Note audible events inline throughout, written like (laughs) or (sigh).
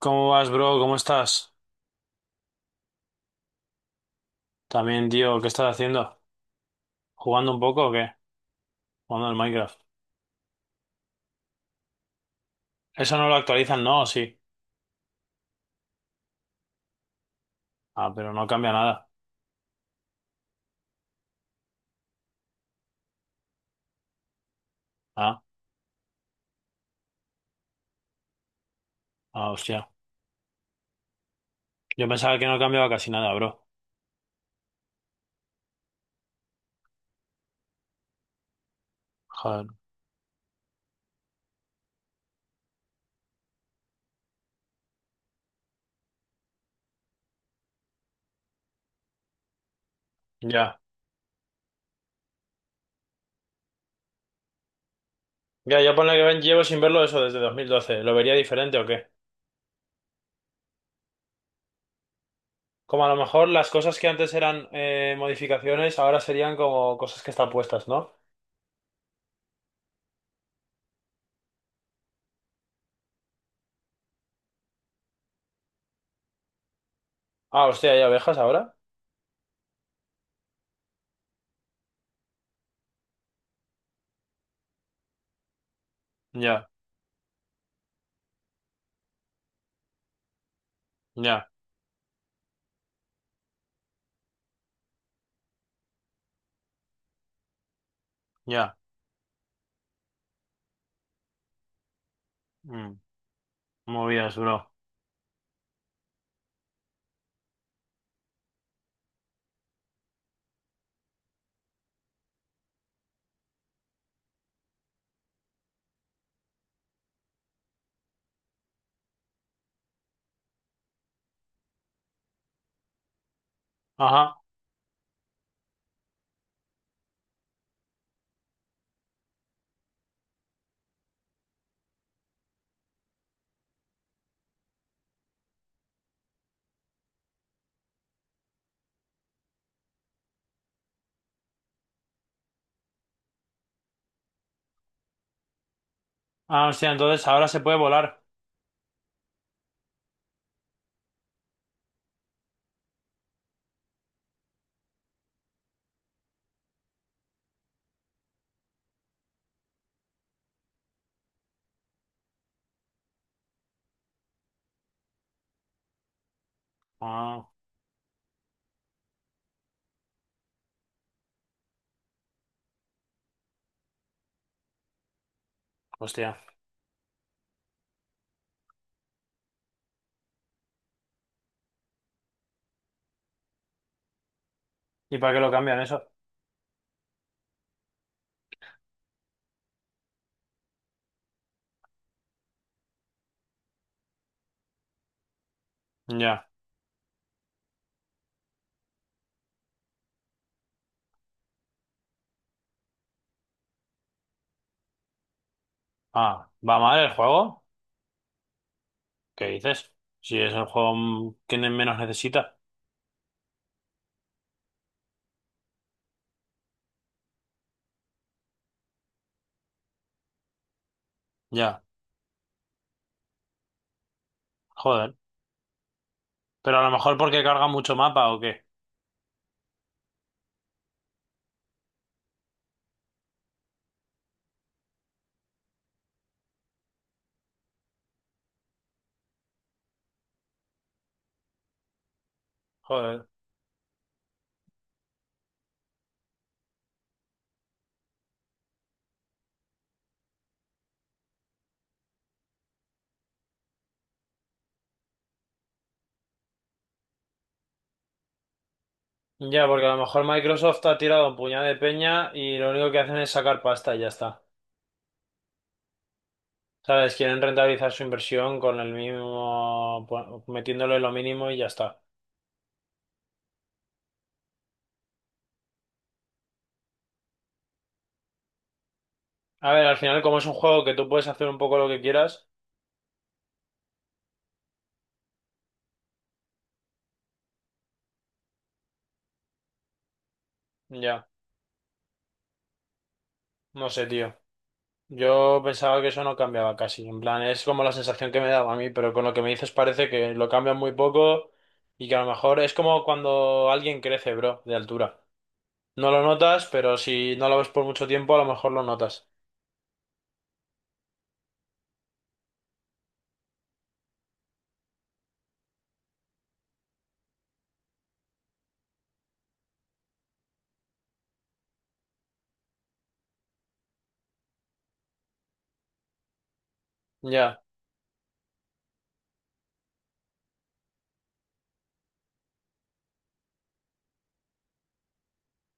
¿Cómo vas, bro? ¿Cómo estás? También, tío, ¿qué estás haciendo? ¿Jugando un poco o qué? Jugando al Minecraft. Eso no lo actualizan, ¿no? ¿O sí? Ah, pero no cambia nada. Ah, ah, hostia. Yo pensaba que no cambiaba casi nada, bro. Joder. Ya. Ya, yo ponle que llevo sin verlo eso desde 2012. ¿Lo vería diferente o qué? Como a lo mejor las cosas que antes eran modificaciones, ahora serían como cosas que están puestas, ¿no? Ah, hostia, ¿hay abejas ahora? Ya, ya, ya. Mm, movidas, bro. Ajá. Ah, hostia, entonces ahora se puede volar. Ah, hostia. ¿Y para qué lo cambian eso? Ya. Ah, ¿va mal el juego? ¿Qué dices? Si es el juego que menos necesita. Ya. Joder. Pero a lo mejor porque carga mucho mapa o qué. Joder. Ya, porque a lo mejor Microsoft ha tirado un puñado de peña y lo único que hacen es sacar pasta y ya está. ¿Sabes? Quieren rentabilizar su inversión con el mínimo, metiéndole lo mínimo y ya está. A ver, al final, como es un juego que tú puedes hacer un poco lo que quieras, ya. No sé, tío. Yo pensaba que eso no cambiaba casi, en plan, es como la sensación que me daba a mí, pero con lo que me dices parece que lo cambian muy poco y que a lo mejor es como cuando alguien crece, bro, de altura. No lo notas, pero si no lo ves por mucho tiempo, a lo mejor lo notas. Ya,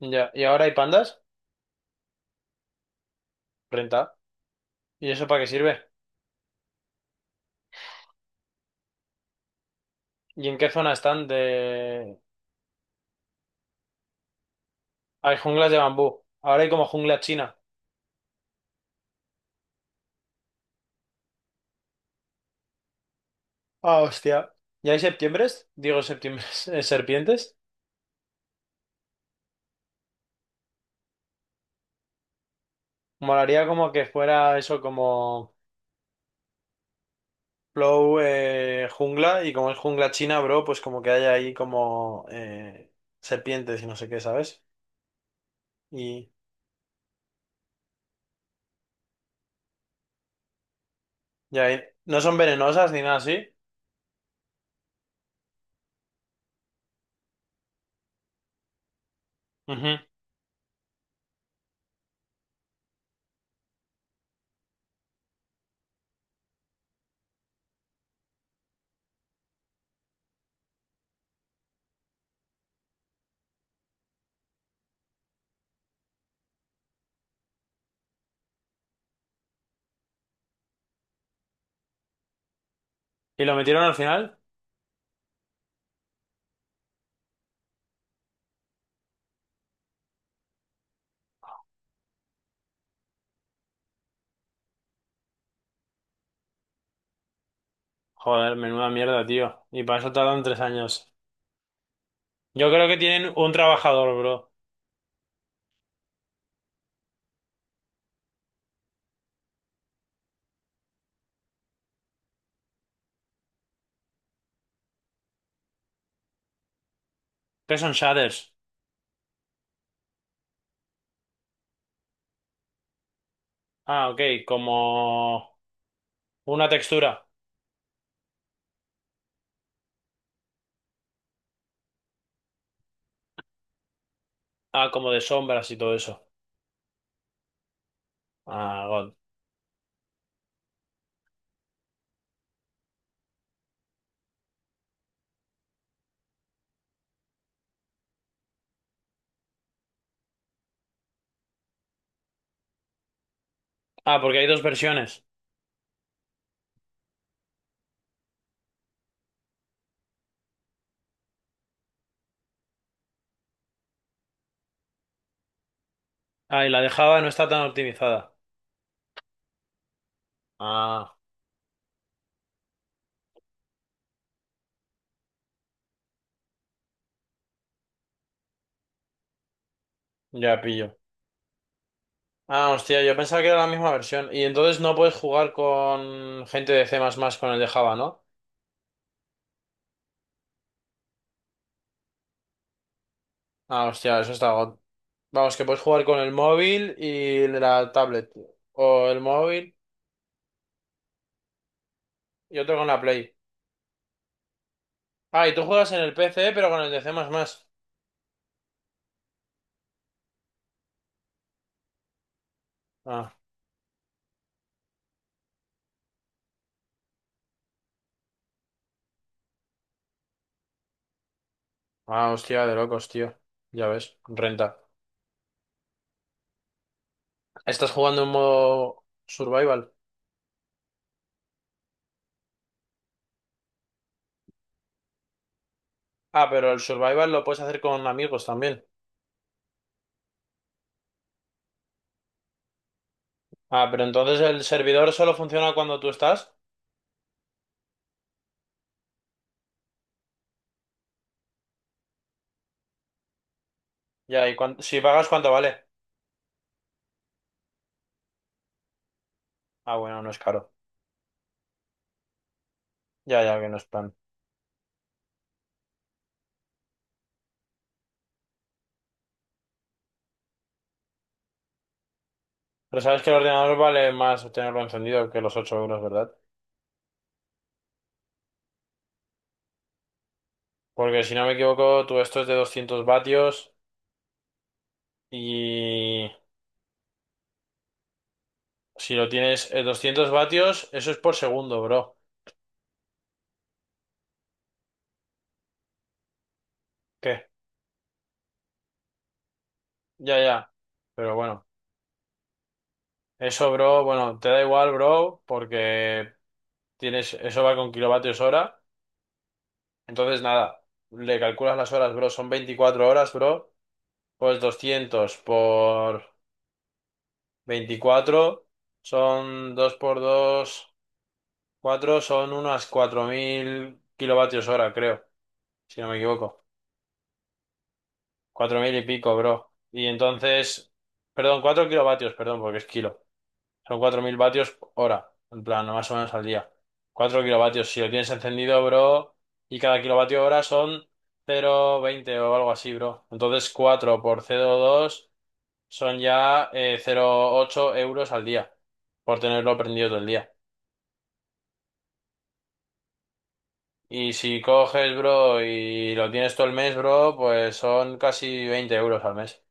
ya. ¿Y ahora hay pandas? Renta. ¿Y eso para qué sirve? ¿Y en qué zona están de...? Hay junglas de bambú. Ahora hay como jungla china. Ah, hostia. ¿Y hay septiembres? Digo septiembres, (laughs) serpientes. Molaría como que fuera eso como... Flow jungla y como es jungla china, bro, pues como que hay ahí como serpientes y no sé qué, ¿sabes? Y ya, y no son venenosas ni nada así. Ujú. ¿Y lo metieron al final? Joder, menuda mierda, tío. Y para eso tardan 3 años. Yo creo que tienen un trabajador, bro. ¿Qué son shaders? Ah, ok, como una textura. Ah, como de sombras y todo eso. Ah, God. Ah, porque hay dos versiones. Ah, y la de Java no está tan optimizada. Ah, ya pillo. Ah, hostia, yo pensaba que era la misma versión. Y entonces no puedes jugar con gente de C++ con el de Java, ¿no? Ah, hostia, eso está god. Vamos, que puedes jugar con el móvil y la tablet. O el móvil y otro con la Play. Ah, y tú juegas en el PC, pero con el de C++. Ah, ah, hostia, de locos, tío. Ya ves, renta. Estás jugando en modo survival. Ah, pero el survival lo puedes hacer con amigos también. Ah, pero entonces el servidor solo funciona cuando tú estás. Ya, y si pagas, ¿cuánto vale? Ah, bueno, no es caro. Ya, ya, que no es plan. Pero sabes que el ordenador vale más tenerlo encendido que los 8 euros, ¿verdad? Porque si no me equivoco, tú esto es de 200 vatios y si lo tienes en 200 vatios, eso es por segundo, bro. ¿Qué? Ya, ya. Pero bueno, eso, bro, bueno, te da igual, bro, porque tienes, eso va con kilovatios hora. Entonces, nada, le calculas las horas, bro, son 24 horas, bro. Pues 200 por... 24 son 2 por 2 4 son unas 4.000 kilovatios hora, creo, si no me equivoco. 4.000 y pico, bro. Y entonces, perdón, 4 kilovatios, perdón, porque es kilo. Son 4.000 vatios hora, en plan, más o menos al día. 4 kilovatios, si lo tienes encendido, bro, y cada kilovatio hora son 0,20 o algo así, bro. Entonces, 4 por 0,2 son ya 0,8 euros al día, por tenerlo prendido todo el día. Y si coges, bro, y lo tienes todo el mes, bro, pues son casi 20 euros al mes.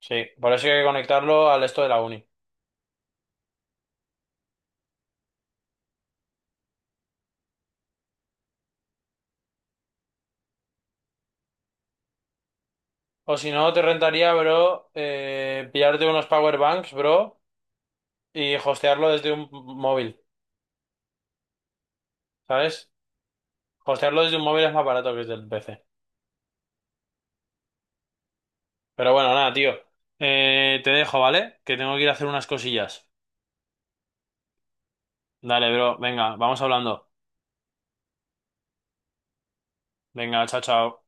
Sí, por eso hay que conectarlo al esto de la uni. O si no, te rentaría, bro, pillarte unos power banks, bro, y hostearlo desde un móvil, ¿sabes? Hostearlo desde un móvil es más barato que desde el PC. Pero bueno, nada, tío. Te dejo, ¿vale? Que tengo que ir a hacer unas cosillas. Dale, bro, venga, vamos hablando. Venga, chao, chao.